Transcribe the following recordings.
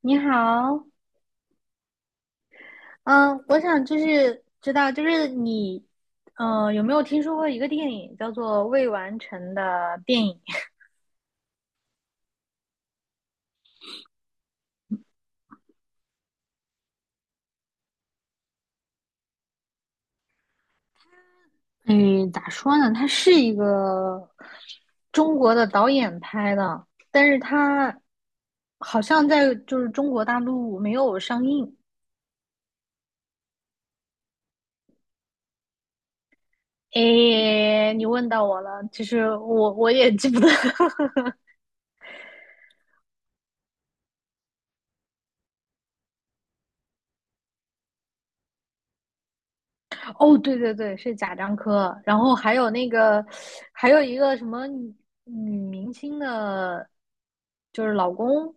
你好，嗯，我想就是知道，就是你，有没有听说过一个电影叫做《未完成的电影》？嗯，咋说呢？它是一个中国的导演拍的，但是它好像在就是中国大陆没有上映。诶，你问到我了，其实我也记不得。哦，对对对，是贾樟柯，然后还有那个，还有一个什么女明星的，就是老公，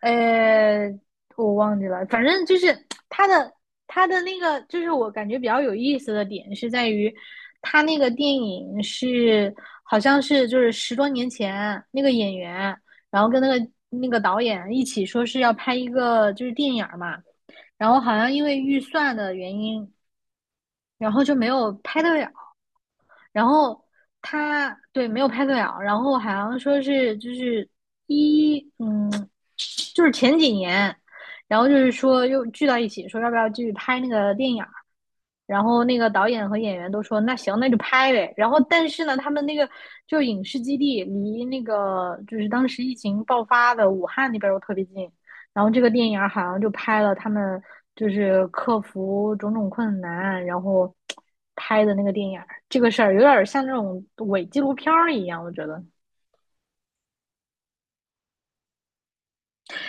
呃，我忘记了，反正就是他的他的那个，就是我感觉比较有意思的点是在于，他那个电影是好像是就是十多年前那个演员，然后跟那个导演一起说是要拍一个就是电影儿嘛。然后好像因为预算的原因，然后就没有拍得了。然后他对没有拍对了，然后好像说是就是一嗯，就是前几年，然后就是说又聚到一起，说要不要继续拍那个电影。然后那个导演和演员都说那行那就拍呗，然后但是呢，他们那个就影视基地离那个就是当时疫情爆发的武汉那边又特别近，然后这个电影好像就拍了他们就是克服种种困难，然后拍的那个电影。这个事儿有点像那种伪纪录片儿一样，我觉得。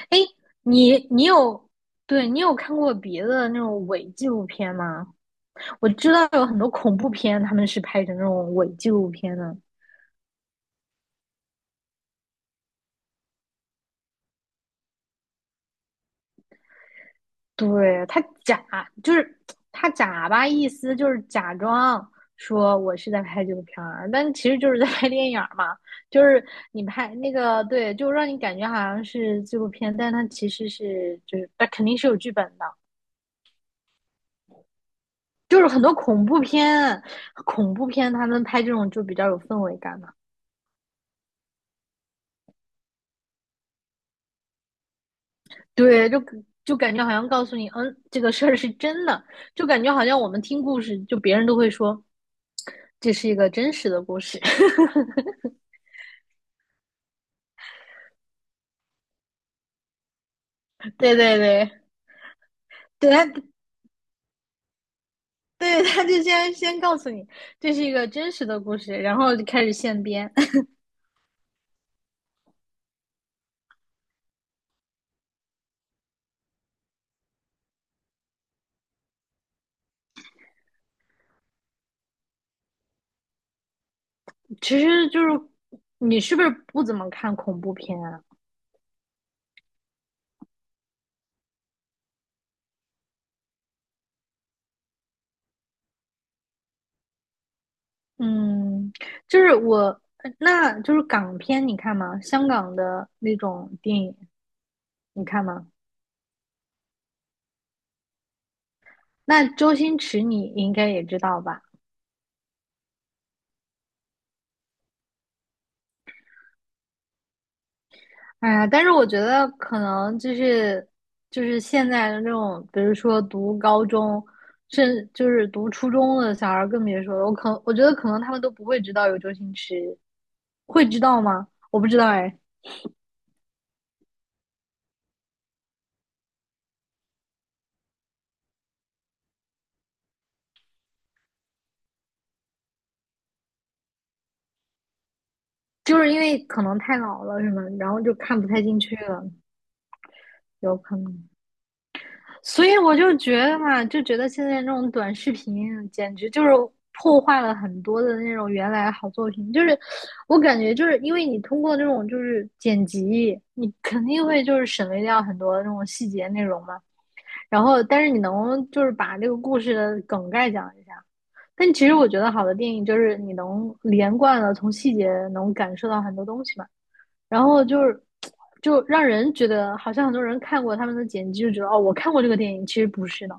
哎，你你有对，你有看过别的那种伪纪录片吗？我知道有很多恐怖片，他们是拍成那种伪纪录片的。对，就是他假吧，意思就是假装说我是在拍纪录片儿，但其实就是在拍电影儿嘛。就是你拍那个，对，就让你感觉好像是纪录片，但它其实是就是它肯定是有剧本的。就是很多恐怖片，他们拍这种就比较有氛围感嘛。对，就感觉好像告诉你，这个事儿是真的，就感觉好像我们听故事，就别人都会说这是一个真实的故事。对对对，对他对他就先告诉你这是一个真实的故事，然后就开始现编。其实就是你是不是不怎么看恐怖片啊？嗯，就是我，那就是港片，你看吗？香港的那种电影，你看吗？那周星驰你应该也知道吧？哎呀，但是我觉得可能就是现在的这种，比如说读高中，就是读初中的小孩儿更别说了。我觉得可能他们都不会知道有周星驰，会知道吗？我不知道哎，就是因为可能太老了什么，然后就看不太进去了，有可能。所以我就觉得嘛，就觉得现在这种短视频简直就是破坏了很多的那种原来好作品。就是我感觉，就是因为你通过这种就是剪辑，你肯定会就是省略掉很多那种细节内容嘛。然后，但是你能就是把这个故事的梗概讲一下。但其实我觉得好的电影就是你能连贯的从细节能感受到很多东西嘛。然后就是就让人觉得好像很多人看过他们的剪辑，就觉得哦，我看过这个电影，其实不是的。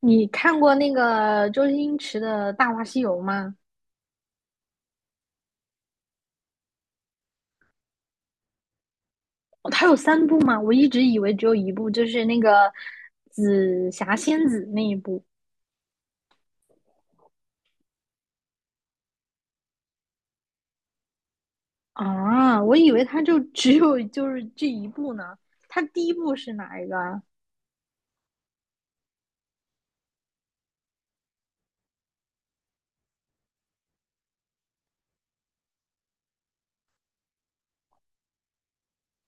你看过那个周星驰的《大话西游》吗？哦，他有三部吗？我一直以为只有一部，就是那个紫霞仙子那一部。啊，我以为他就只有就是这一部呢。他第一部是哪一个啊？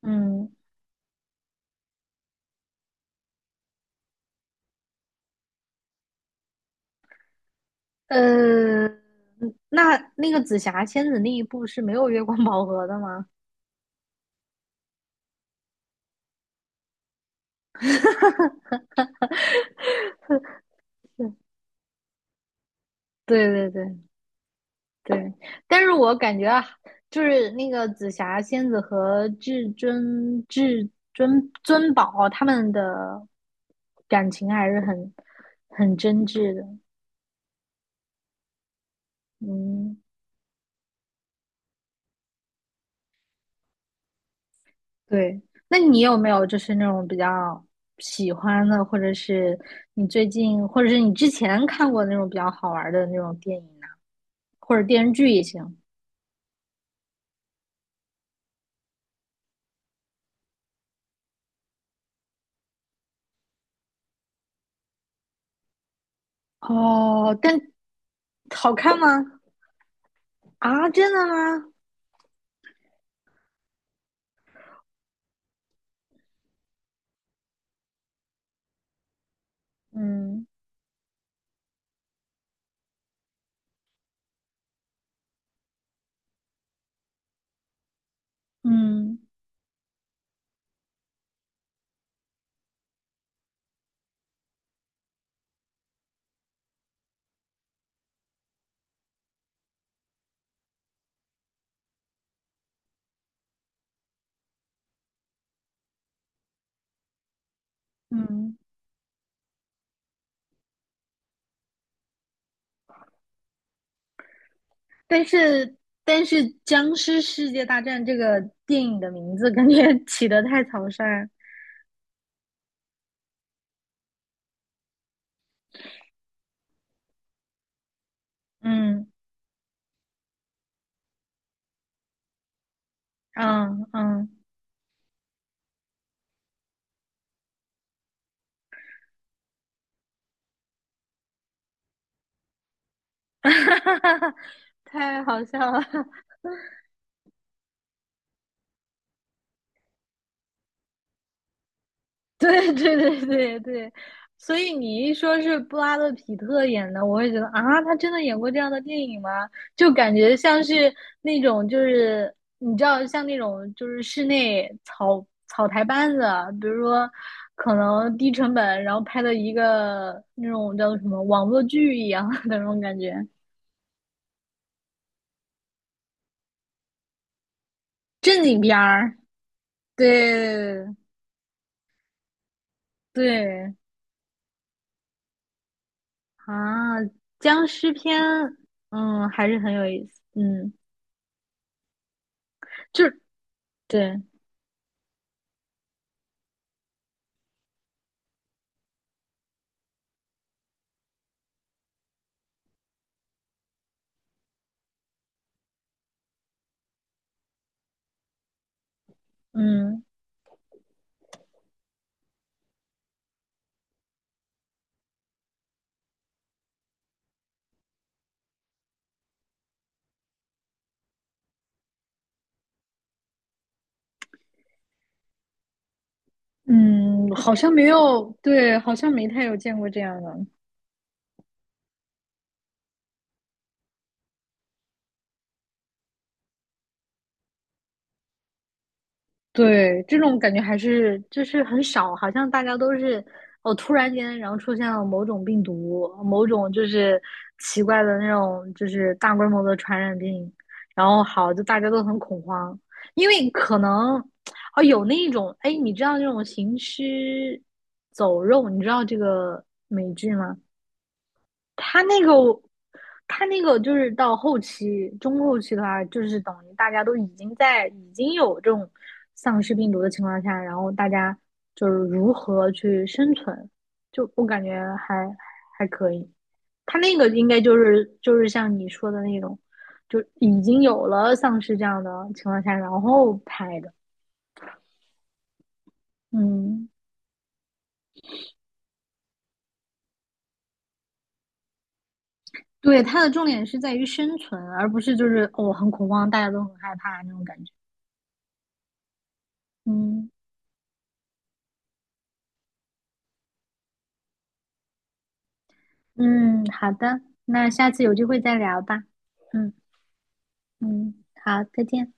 嗯，呃，那个紫霞仙子那一部是没有月光宝盒的吗？对对对，对，但是我感觉啊，就是那个紫霞仙子和至尊宝他们的感情还是很真挚的。嗯，对。那你有没有就是那种比较喜欢的，或者是你最近，或者是你之前看过的那种比较好玩的那种电影呢、或者电视剧也行。哦，好看吗？啊，真的吗？嗯嗯嗯。但是但是《僵尸世界大战》这个电影的名字感觉 起得太草率，嗯嗯嗯，太好笑了，对对对对对，所以你一说是布拉德·皮特演的，我会觉得啊，他真的演过这样的电影吗？就感觉像是那种就是你知道，像那种就是室内草草台班子啊，比如说可能低成本，然后拍的一个那种叫做什么网络剧一样的那种感觉，正经片儿。对对啊，僵尸片，还是很有意思，就是对。嗯嗯，好像没有，对，好像没太有见过这样的。对，这种感觉还是就是很少，好像大家都是哦，突然间然后出现了某种病毒，某种就是奇怪的那种就是大规模的传染病，然后就大家都很恐慌，因为可能哦有那一种，哎，你知道那种行尸走肉，你知道这个美剧吗？他那个他那个就是到后期、中后期的话，就是等于大家都已经在已经有这种丧尸病毒的情况下，然后大家就是如何去生存，就我感觉还可以。他那个应该就是像你说的那种，就已经有了丧尸这样的情况下，然后拍的。嗯，对，它的重点是在于生存，而不是就是很恐慌，大家都很害怕那种感觉。嗯。嗯，好的，那下次有机会再聊吧。嗯嗯，好，再见。